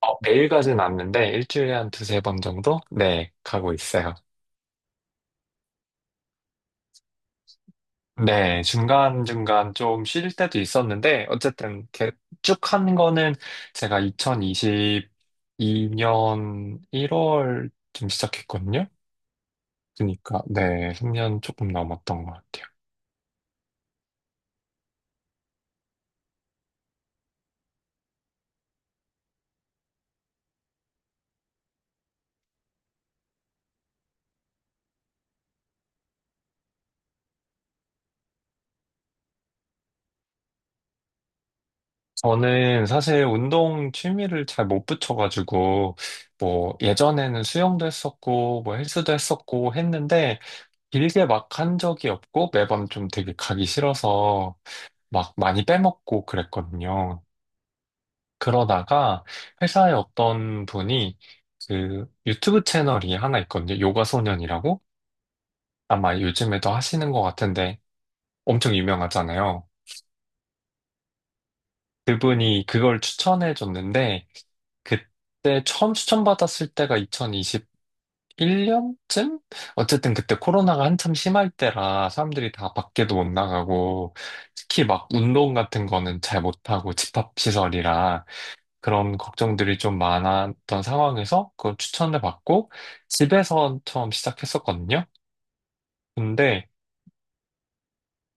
어, 매일 가진 않는데 일주일에 한 두세 번 정도? 네, 가고 있어요. 네, 중간중간 좀 쉴 때도 있었는데 어쨌든 쭉 한 거는 제가 2022년 1월쯤 시작했거든요. 그러니까 네, 3년 조금 넘었던 것 같아요. 저는 사실 운동 취미를 잘 못 붙여가지고 뭐 예전에는 수영도 했었고 뭐 헬스도 했었고 했는데 길게 막 한 적이 없고 매번 좀 되게 가기 싫어서 막 많이 빼먹고 그랬거든요. 그러다가 회사에 어떤 분이 그 유튜브 채널이 하나 있거든요. 요가 소년이라고 아마 요즘에도 하시는 것 같은데 엄청 유명하잖아요. 그분이 그걸 추천해 줬는데 그때 처음 추천받았을 때가 2020 1년쯤? 어쨌든 그때 코로나가 한참 심할 때라 사람들이 다 밖에도 못 나가고 특히 막 운동 같은 거는 잘 못하고 집합시설이라 그런 걱정들이 좀 많았던 상황에서 그걸 추천을 받고 집에서 처음 시작했었거든요. 근데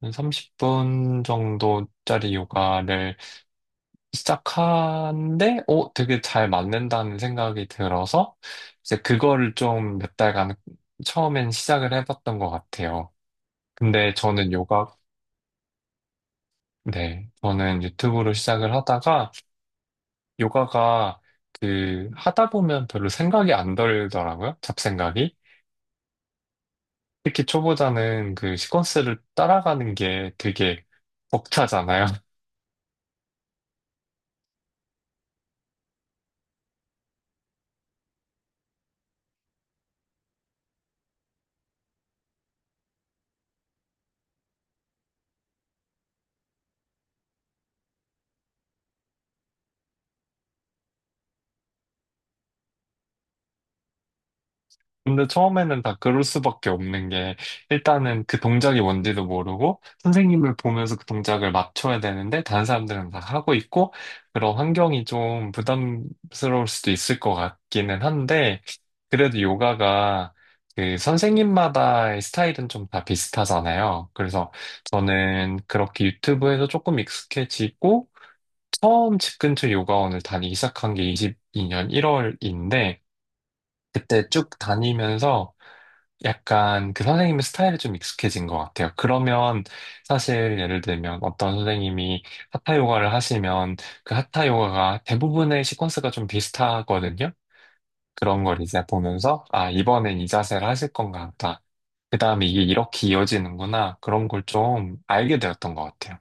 한 30분 정도짜리 요가를 시작하는데 되게 잘 맞는다는 생각이 들어서 이제 그거를 좀 몇 달간 처음엔 시작을 해봤던 것 같아요. 근데 저는 요가, 네, 저는 유튜브로 시작을 하다가 요가가 그 하다 보면 별로 생각이 안 들더라고요. 잡생각이. 특히 초보자는 그 시퀀스를 따라가는 게 되게 벅차잖아요. 근데 처음에는 다 그럴 수밖에 없는 게, 일단은 그 동작이 뭔지도 모르고, 선생님을 보면서 그 동작을 맞춰야 되는데, 다른 사람들은 다 하고 있고, 그런 환경이 좀 부담스러울 수도 있을 것 같기는 한데, 그래도 요가가 그 선생님마다의 스타일은 좀 다 비슷하잖아요. 그래서 저는 그렇게 유튜브에서 조금 익숙해지고, 처음 집 근처 요가원을 다니기 시작한 게 22년 1월인데, 그때 쭉 다니면서 약간 그 선생님의 스타일이 좀 익숙해진 것 같아요. 그러면 사실 예를 들면 어떤 선생님이 하타 요가를 하시면 그 하타 요가가 대부분의 시퀀스가 좀 비슷하거든요. 그런 걸 이제 보면서 아, 이번엔 이 자세를 하실 건가 하다. 그 다음에 이게 이렇게 이어지는구나. 그런 걸 좀 알게 되었던 것 같아요.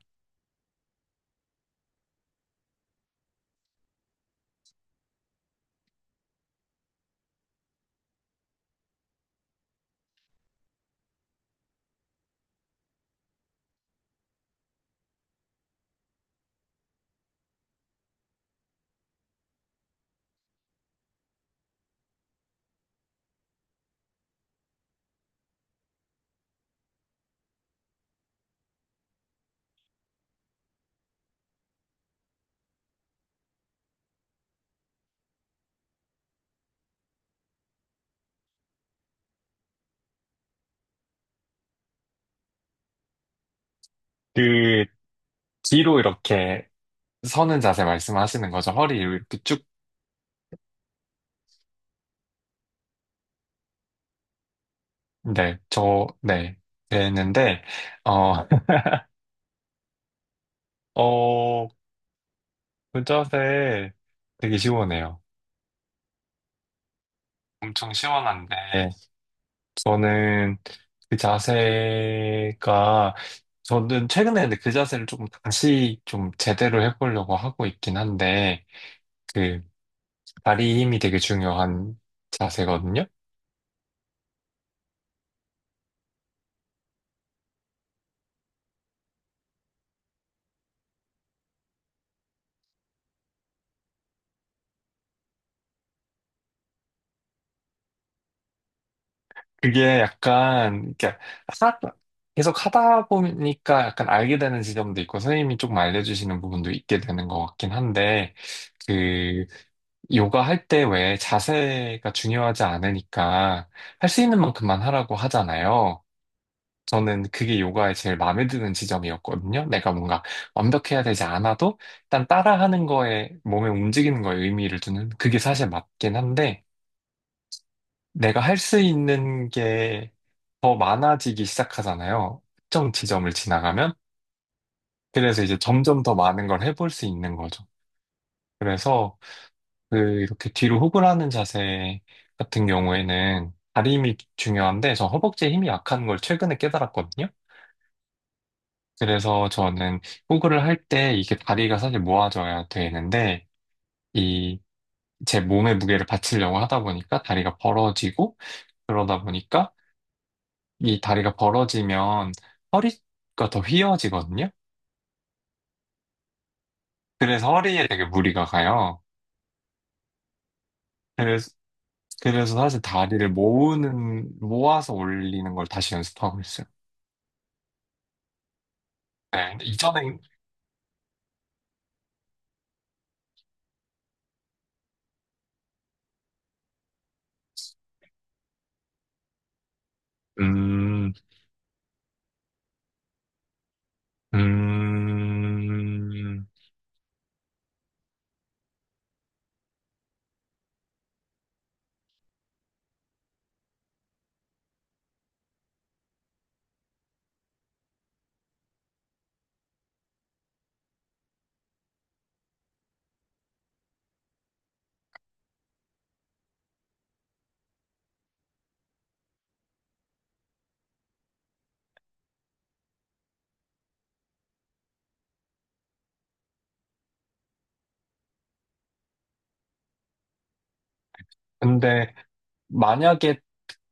그 뒤로 이렇게 서는 자세 말씀하시는 거죠. 허리 이렇게 쭉, 네, 저, 네, 됐는데, 어, 어, 그 자세 되게 시원해요. 엄청 시원한데 저는 그 자세가 저는 최근에 근데 그 자세를 조금 다시 좀 제대로 해보려고 하고 있긴 한데 그 다리 힘이 되게 중요한 자세거든요. 그게 약간 이렇게 하 계속 하다 보니까 약간 알게 되는 지점도 있고 선생님이 조금 알려주시는 부분도 있게 되는 것 같긴 한데 그, 요가 할 때 왜 자세가 중요하지 않으니까 할 수 있는 만큼만 하라고 하잖아요. 저는 그게 요가의 제일 마음에 드는 지점이었거든요. 내가 뭔가 완벽해야 되지 않아도 일단 따라하는 거에 몸에 움직이는 거에 의미를 두는 그게 사실 맞긴 한데 내가 할 수 있는 게 더 많아지기 시작하잖아요. 특정 지점을 지나가면. 그래서 이제 점점 더 많은 걸 해볼 수 있는 거죠. 그래서 그 이렇게 뒤로 호흡을 하는 자세 같은 경우에는 다리 힘이 중요한데 저 허벅지에 힘이 약한 걸 최근에 깨달았거든요. 그래서 저는 호흡을 할 때 이게 다리가 사실 모아져야 되는데 이 제 몸의 무게를 받치려고 하다 보니까 다리가 벌어지고 그러다 보니까 이 다리가 벌어지면 허리가 더 휘어지거든요. 그래서 허리에 되게 무리가 가요. 그래서 그래서 사실 다리를 모으는 모아서 올리는 걸 다시 연습하고 있어요. 네, 근데 이전에 음, 음, 근데 만약에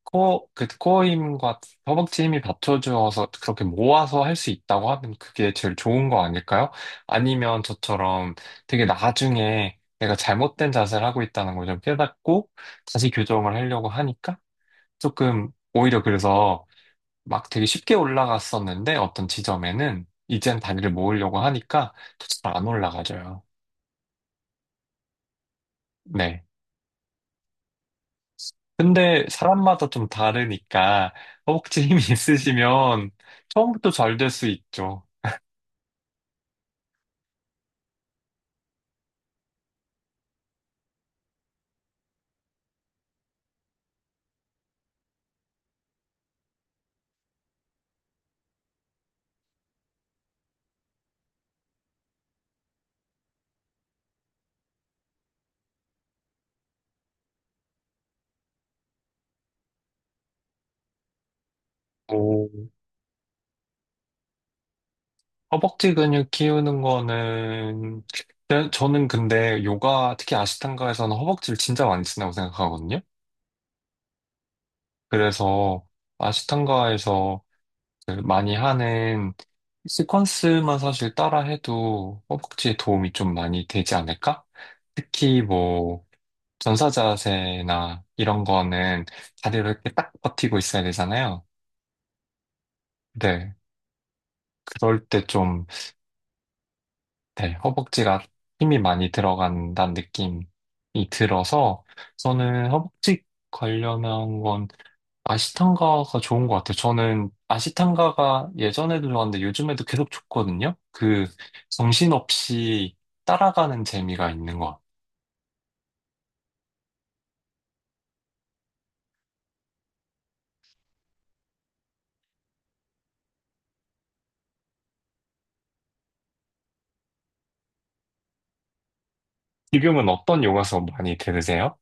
그 코어 힘과 허벅지 힘이 받쳐주어서 그렇게 모아서 할 수 있다고 하면 그게 제일 좋은 거 아닐까요? 아니면 저처럼 되게 나중에 내가 잘못된 자세를 하고 있다는 걸 좀 깨닫고 다시 교정을 하려고 하니까 조금 오히려 그래서 막 되게 쉽게 올라갔었는데 어떤 지점에는 이젠 다리를 모으려고 하니까 또 잘 안 올라가져요. 네. 근데 사람마다 좀 다르니까 허벅지 힘이 있으시면 처음부터 잘 될 수 있죠. 오. 허벅지 근육 키우는 거는 저는 근데 요가 특히 아시탄가에서는 허벅지를 진짜 많이 쓴다고 생각하거든요. 그래서 아시탄가에서 그 많이 하는 시퀀스만 사실 따라해도 허벅지에 도움이 좀 많이 되지 않을까? 특히 뭐 전사 자세나 이런 거는 다리를 이렇게 딱 버티고 있어야 되잖아요. 네. 그럴 때 좀, 네, 허벅지가 힘이 많이 들어간다는 느낌이 들어서 저는 허벅지 관련한 건 아시탄가가 좋은 것 같아요. 저는 아시탄가가 예전에도 좋았는데 요즘에도 계속 좋거든요. 그 정신없이 따라가는 재미가 있는 것 같아요. 지금은 어떤 요가수 많이 들으세요?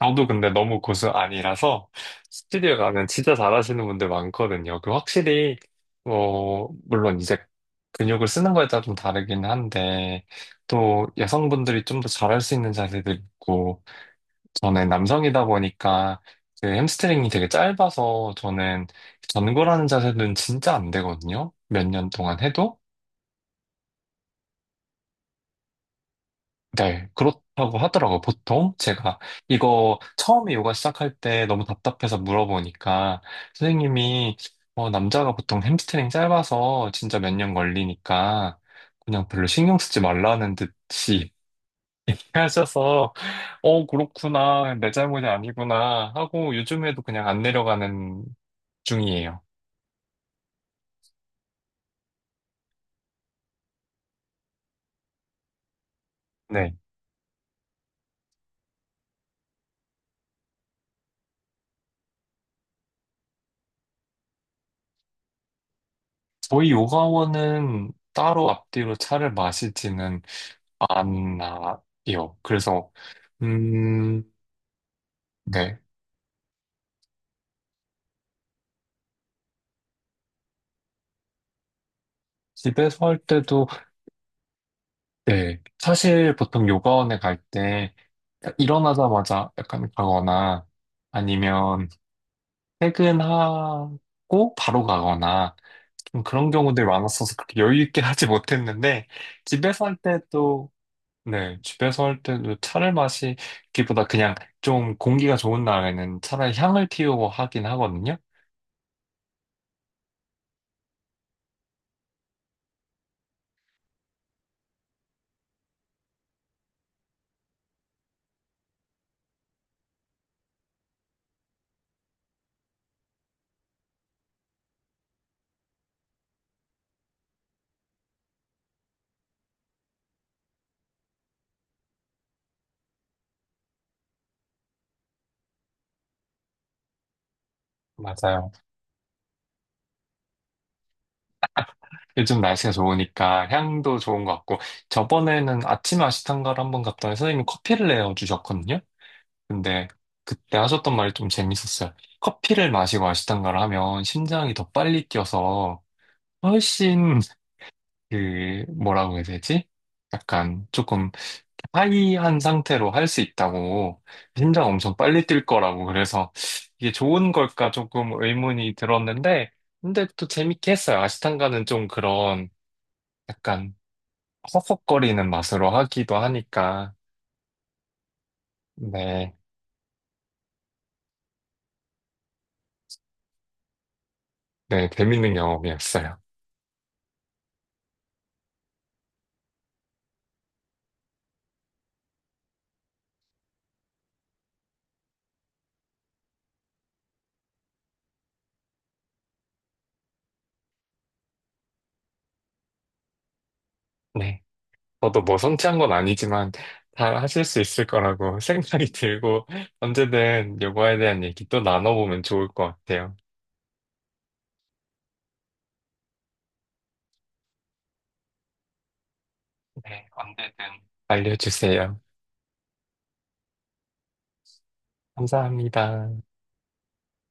저도 근데 너무 고수 아니라서 스튜디오 가면 진짜 잘하시는 분들 많거든요. 그 확실히 물론 이제 근육을 쓰는 거에 따라 좀 다르긴 한데 또 여성분들이 좀 더 잘할 수 있는 자세들 있고 저는 남성이다 보니까 그 햄스트링이 되게 짧아서 저는 전굴하는 자세는 진짜 안 되거든요. 몇 년 동안 해도. 네, 그렇다고 하더라고요. 보통 제가 이거 처음에 요가 시작할 때 너무 답답해서 물어보니까 선생님이 남자가 보통 햄스트링 짧아서 진짜 몇 년 걸리니까 그냥 별로 신경 쓰지 말라는 듯이 하셔서 그렇구나. 내 잘못이 아니구나 하고 요즘에도 그냥 안 내려가는 중이에요. 네. 저희 요가원은 따로 앞뒤로 차를 마시지는 안 나요. 그래서, 음, 네. 집에서 할 때도, 네. 사실 보통 요가원에 갈 때, 일어나자마자 약간 가거나, 아니면 퇴근하고 바로 가거나, 좀 그런 경우들이 많았어서 그렇게 여유 있게 하지 못했는데, 집에서 할 때도, 네. 집에서 할 때도 차를 마시기보다 그냥 좀 공기가 좋은 날에는 차라리 향을 피우고 하긴 하거든요. 맞아요. 요즘 날씨가 좋으니까 향도 좋은 것 같고 저번에는 아침 아시탄가를 한번 갔더니 선생님이 커피를 내어 주셨거든요. 근데 그때 하셨던 말이 좀 재밌었어요. 커피를 마시고 아시탄가를 하면 심장이 더 빨리 뛰어서 훨씬 그 뭐라고 해야 되지? 약간 조금 하이한 상태로 할 수 있다고 심장 엄청 빨리 뛸 거라고 그래서 이게 좋은 걸까 조금 의문이 들었는데 근데 또 재밌게 했어요. 아시탄가는 좀 그런 약간 허걱거리는 맛으로 하기도 하니까, 네, 네, 재밌는 경험이었어요. 네. 저도 뭐 성취한 건 아니지만, 잘 하실 수 있을 거라고 생각이 들고, 언제든 요거에 대한 얘기 또 나눠보면 좋을 것 같아요. 네, 언제든 알려주세요. 감사합니다.